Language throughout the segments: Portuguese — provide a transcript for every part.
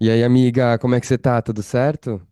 E aí, amiga, como é que você tá? Tudo certo?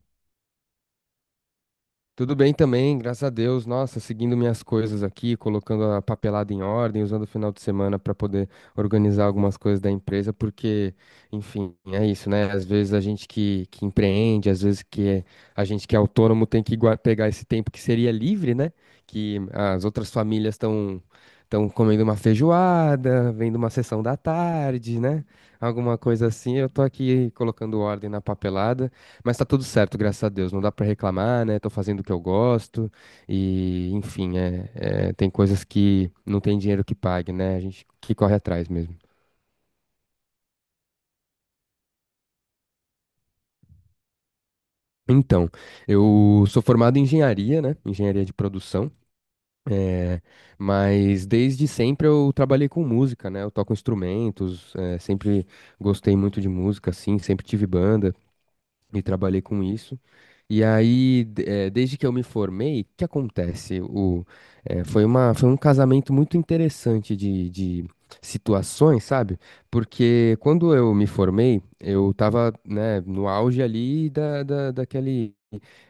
Tudo bem também, graças a Deus. Nossa, seguindo minhas coisas aqui, colocando a papelada em ordem, usando o final de semana para poder organizar algumas coisas da empresa, porque, enfim, é isso, né? Às vezes a gente que empreende, às vezes que é- a gente que é autônomo tem que pegar esse tempo que seria livre, né? Que as outras famílias estão comendo uma feijoada, vendo uma sessão da tarde, né? Alguma coisa assim. Eu tô aqui colocando ordem na papelada. Mas tá tudo certo, graças a Deus. Não dá pra reclamar, né? Tô fazendo o que eu gosto. E, enfim, tem coisas que não tem dinheiro que pague, né? A gente que corre atrás mesmo. Então, eu sou formado em engenharia, né? Engenharia de produção. é, mas desde sempre eu trabalhei com música, né? Eu toco instrumentos, sempre gostei muito de música, assim, sempre tive banda e trabalhei com isso. E aí, desde que eu me formei, o que acontece? Foi uma, foi um casamento muito interessante de situações, sabe? Porque quando eu me formei, eu tava, né, no auge ali daquele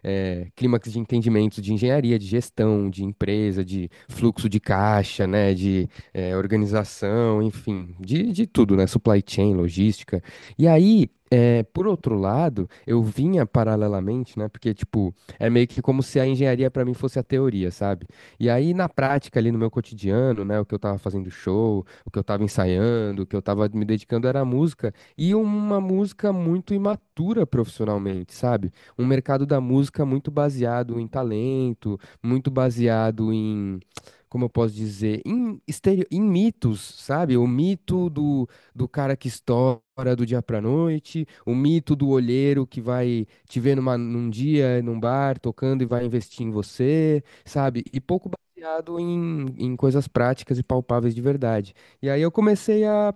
clímax de entendimento de engenharia, de gestão, de empresa, de fluxo de caixa, né, de organização, enfim, de tudo, né? Supply chain, logística. E aí. É, por outro lado, eu vinha paralelamente, né? Porque, tipo, é meio que como se a engenharia pra mim fosse a teoria, sabe? E aí, na prática, ali no meu cotidiano, né? O que eu tava fazendo show, o que eu tava ensaiando, o que eu tava me dedicando era a música. E uma música muito imatura profissionalmente, sabe? Um mercado da música muito baseado em talento, muito baseado em. Como eu posso dizer? Em mitos, sabe? O mito do cara que estoura do dia pra noite, o mito do olheiro que vai te ver num dia, num bar, tocando e vai investir em você, sabe? E pouco baseado em coisas práticas e palpáveis de verdade. E aí eu comecei a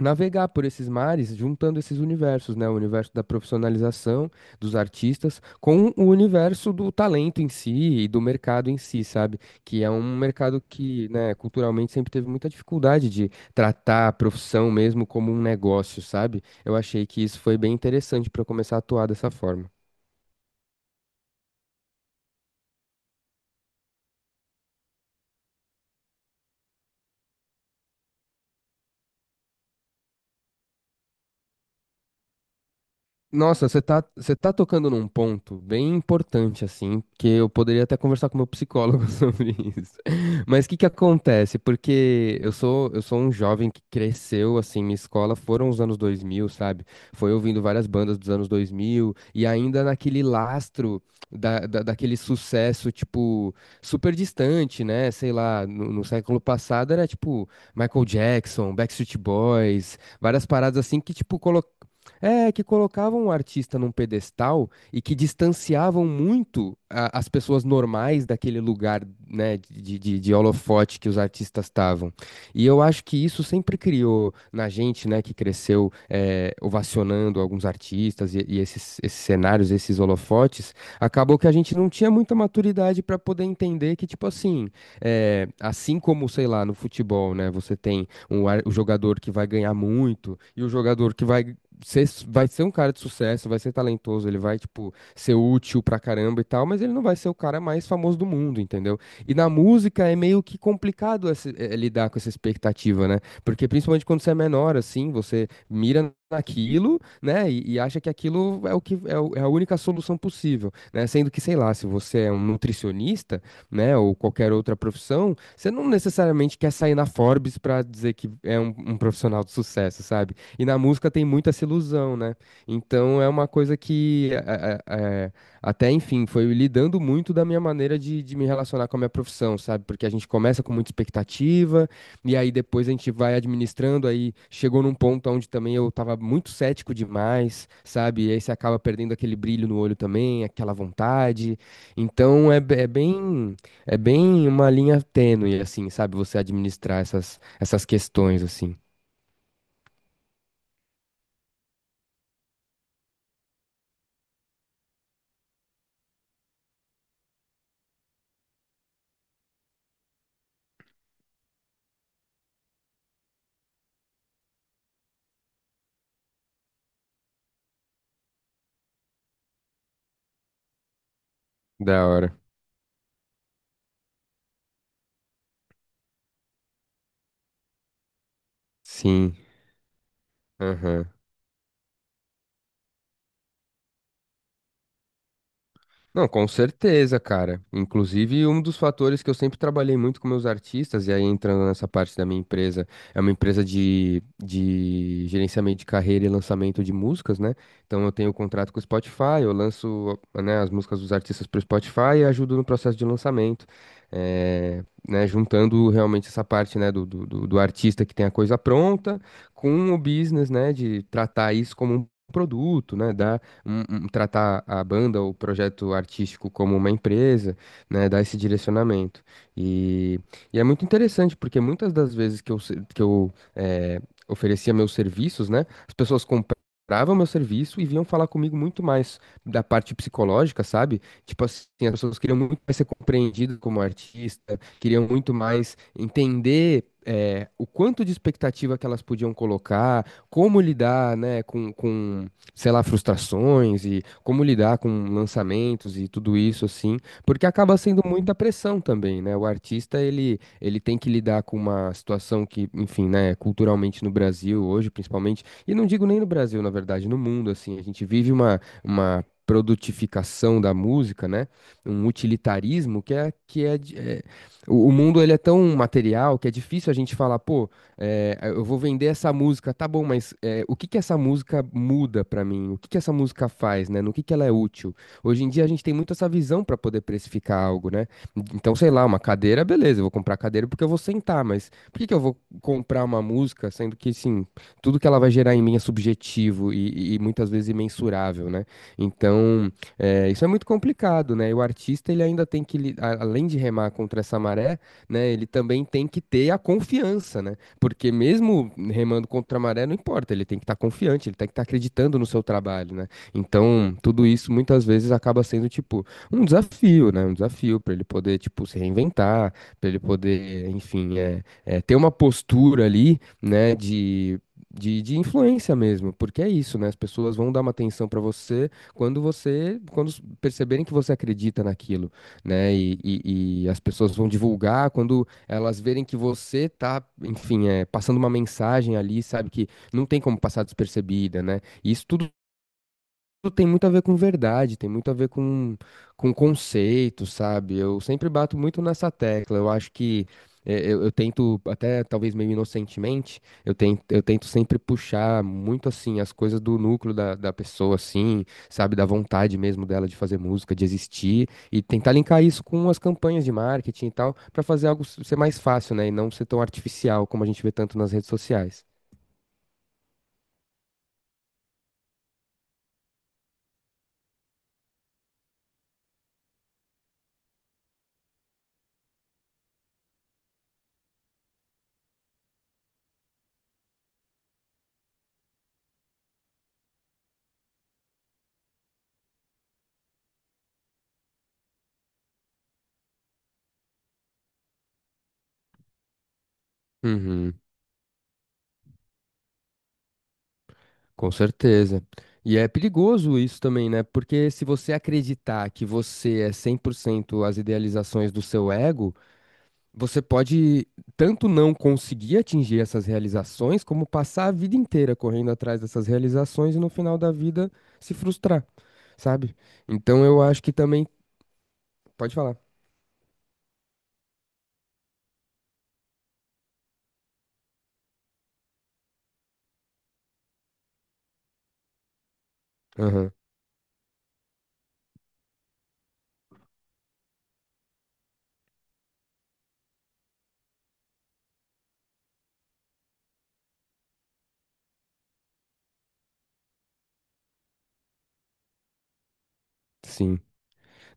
navegar por esses mares, juntando esses universos, né? O universo da profissionalização dos artistas com o universo do talento em si e do mercado em si, sabe? Que é um mercado que, né, culturalmente sempre teve muita dificuldade de tratar a profissão mesmo como um negócio, sabe? Eu achei que isso foi bem interessante para começar a atuar dessa forma. Nossa, você tá tocando num ponto bem importante, assim, que eu poderia até conversar com meu psicólogo sobre isso. Mas o que que acontece? Porque eu sou um jovem que cresceu, assim, minha escola foram os anos 2000, sabe? Foi ouvindo várias bandas dos anos 2000 e ainda naquele lastro daquele sucesso, tipo, super distante, né? Sei lá, no século passado era, tipo, Michael Jackson, Backstreet Boys, várias paradas assim que, tipo, que colocavam o artista num pedestal e que distanciavam muito as pessoas normais daquele lugar, né, de holofote que os artistas estavam. E eu acho que isso sempre criou na gente, né, que cresceu ovacionando alguns artistas e, esses cenários, esses holofotes, acabou que a gente não tinha muita maturidade para poder entender que, tipo assim, assim como, sei lá, no futebol, né, você tem o jogador que vai ganhar muito e o jogador que vai ser um cara de sucesso, vai ser talentoso, ele vai, tipo, ser útil pra caramba e tal, mas ele não vai ser o cara mais famoso do mundo, entendeu? E na música é meio que complicado lidar com essa expectativa, né? Porque principalmente quando você é menor, assim, você mira naquilo, né? E acha que aquilo é o que é, é a única solução possível, né? Sendo que, sei lá, se você é um nutricionista, né, ou qualquer outra profissão, você não necessariamente quer sair na Forbes pra dizer que é um profissional de sucesso, sabe? E na música tem muito essa ilusão, né? Então é uma coisa que é, até, enfim, foi lidando muito da minha maneira de me relacionar com a minha profissão, sabe? Porque a gente começa com muita expectativa, e aí depois a gente vai administrando, aí chegou num ponto onde também eu tava muito cético demais, sabe? E aí você acaba perdendo aquele brilho no olho também, aquela vontade. Então é bem uma linha tênue, assim, sabe? Você administrar essas questões, assim. Da hora. Sim. Aham. Não, com certeza, cara. Inclusive, um dos fatores que eu sempre trabalhei muito com meus artistas, e aí entrando nessa parte da minha empresa, é uma empresa de gerenciamento de carreira e lançamento de músicas, né? Então eu tenho contrato com o Spotify, eu lanço, né, as músicas dos artistas para o Spotify e ajudo no processo de lançamento. Né, juntando realmente essa parte, né, do artista que tem a coisa pronta com o business, né, de tratar isso como um produto, né, tratar a banda ou o projeto artístico como uma empresa, né, dar esse direcionamento. E, e é muito interessante, porque muitas das vezes que eu, se- que eu eh, oferecia meus serviços, né, as pessoas compravam meu serviço e vinham falar comigo muito mais da parte psicológica, sabe? Tipo assim, as pessoas queriam muito mais ser compreendidas como artista, queriam muito mais entender o quanto de expectativa que elas podiam colocar, como lidar, né, com sei lá, frustrações e como lidar com lançamentos e tudo isso assim, porque acaba sendo muita pressão também, né? O artista ele tem que lidar com uma situação que, enfim, né, culturalmente no Brasil hoje, principalmente, e não digo nem no Brasil, na verdade, no mundo assim, a gente vive uma produtificação da música, né? Um utilitarismo que é, o mundo ele é tão material que é difícil a gente falar, pô, eu vou vender essa música, tá bom, mas o que que essa música muda pra mim? O que que essa música faz, né? No que ela é útil? Hoje em dia a gente tem muito essa visão pra poder precificar algo, né? Então, sei lá, uma cadeira, beleza, eu vou comprar cadeira porque eu vou sentar, mas por que que eu vou comprar uma música sendo que, assim, tudo que ela vai gerar em mim é subjetivo e muitas vezes imensurável, né? Então, isso é muito complicado, né? E o artista, ele ainda tem que, além de remar contra essa maré, né, ele também tem que ter a confiança, né? Porque mesmo remando contra a maré, não importa, ele tem que estar confiante, ele tem que estar acreditando no seu trabalho, né? Então, tudo isso muitas vezes acaba sendo, tipo, um desafio, né? Um desafio para ele poder, tipo, se reinventar, para ele poder, enfim, ter uma postura ali, né, de. De influência mesmo, porque é isso, né? As pessoas vão dar uma atenção para você quando perceberem que você acredita naquilo, né? E as pessoas vão divulgar quando elas verem que você tá, enfim, passando uma mensagem ali, sabe, que não tem como passar despercebida, né? E isso tudo tem muito a ver com verdade, tem muito a ver com, conceito, sabe? Eu sempre bato muito nessa tecla. Eu acho que eu tento, até talvez meio inocentemente, eu tento sempre puxar muito assim as coisas do núcleo da pessoa, assim, sabe? Da vontade mesmo dela de fazer música, de existir, e tentar linkar isso com as campanhas de marketing e tal, pra fazer algo ser mais fácil, né? E não ser tão artificial como a gente vê tanto nas redes sociais. Uhum. Com certeza. E é perigoso isso também, né? Porque se você acreditar que você é 100% as idealizações do seu ego, você pode tanto não conseguir atingir essas realizações, como passar a vida inteira correndo atrás dessas realizações e no final da vida se frustrar, sabe? Então eu acho que também. Pode falar. Aham, sim.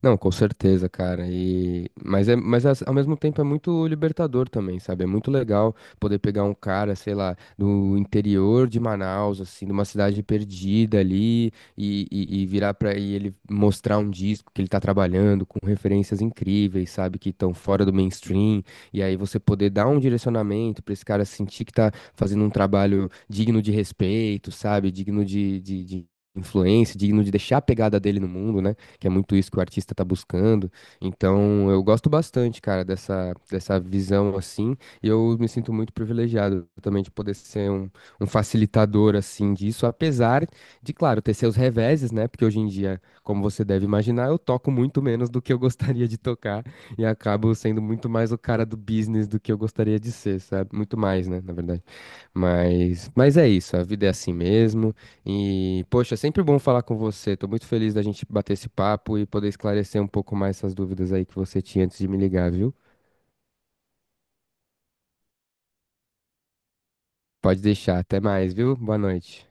Não, com certeza, cara. E ao mesmo tempo é muito libertador também, sabe? É muito legal poder pegar um cara, sei lá, do interior de Manaus, assim, de uma cidade perdida ali, e virar pra e ele mostrar um disco que ele tá trabalhando com referências incríveis, sabe? Que estão fora do mainstream. E aí você poder dar um direcionamento pra esse cara sentir que tá fazendo um trabalho digno de respeito, sabe? Digno de, de influência, digno de deixar a pegada dele no mundo, né? Que é muito isso que o artista tá buscando. Então, eu gosto bastante, cara, dessa visão assim, e eu me sinto muito privilegiado também de poder ser um facilitador assim disso, apesar de, claro, ter seus reveses, né? Porque hoje em dia, como você deve imaginar, eu toco muito menos do que eu gostaria de tocar e acabo sendo muito mais o cara do business do que eu gostaria de ser, sabe? Muito mais, né, na verdade. Mas é isso, a vida é assim mesmo. E, poxa, é sempre bom falar com você. Tô muito feliz da gente bater esse papo e poder esclarecer um pouco mais essas dúvidas aí que você tinha antes de me ligar, viu? Pode deixar, até mais, viu? Boa noite.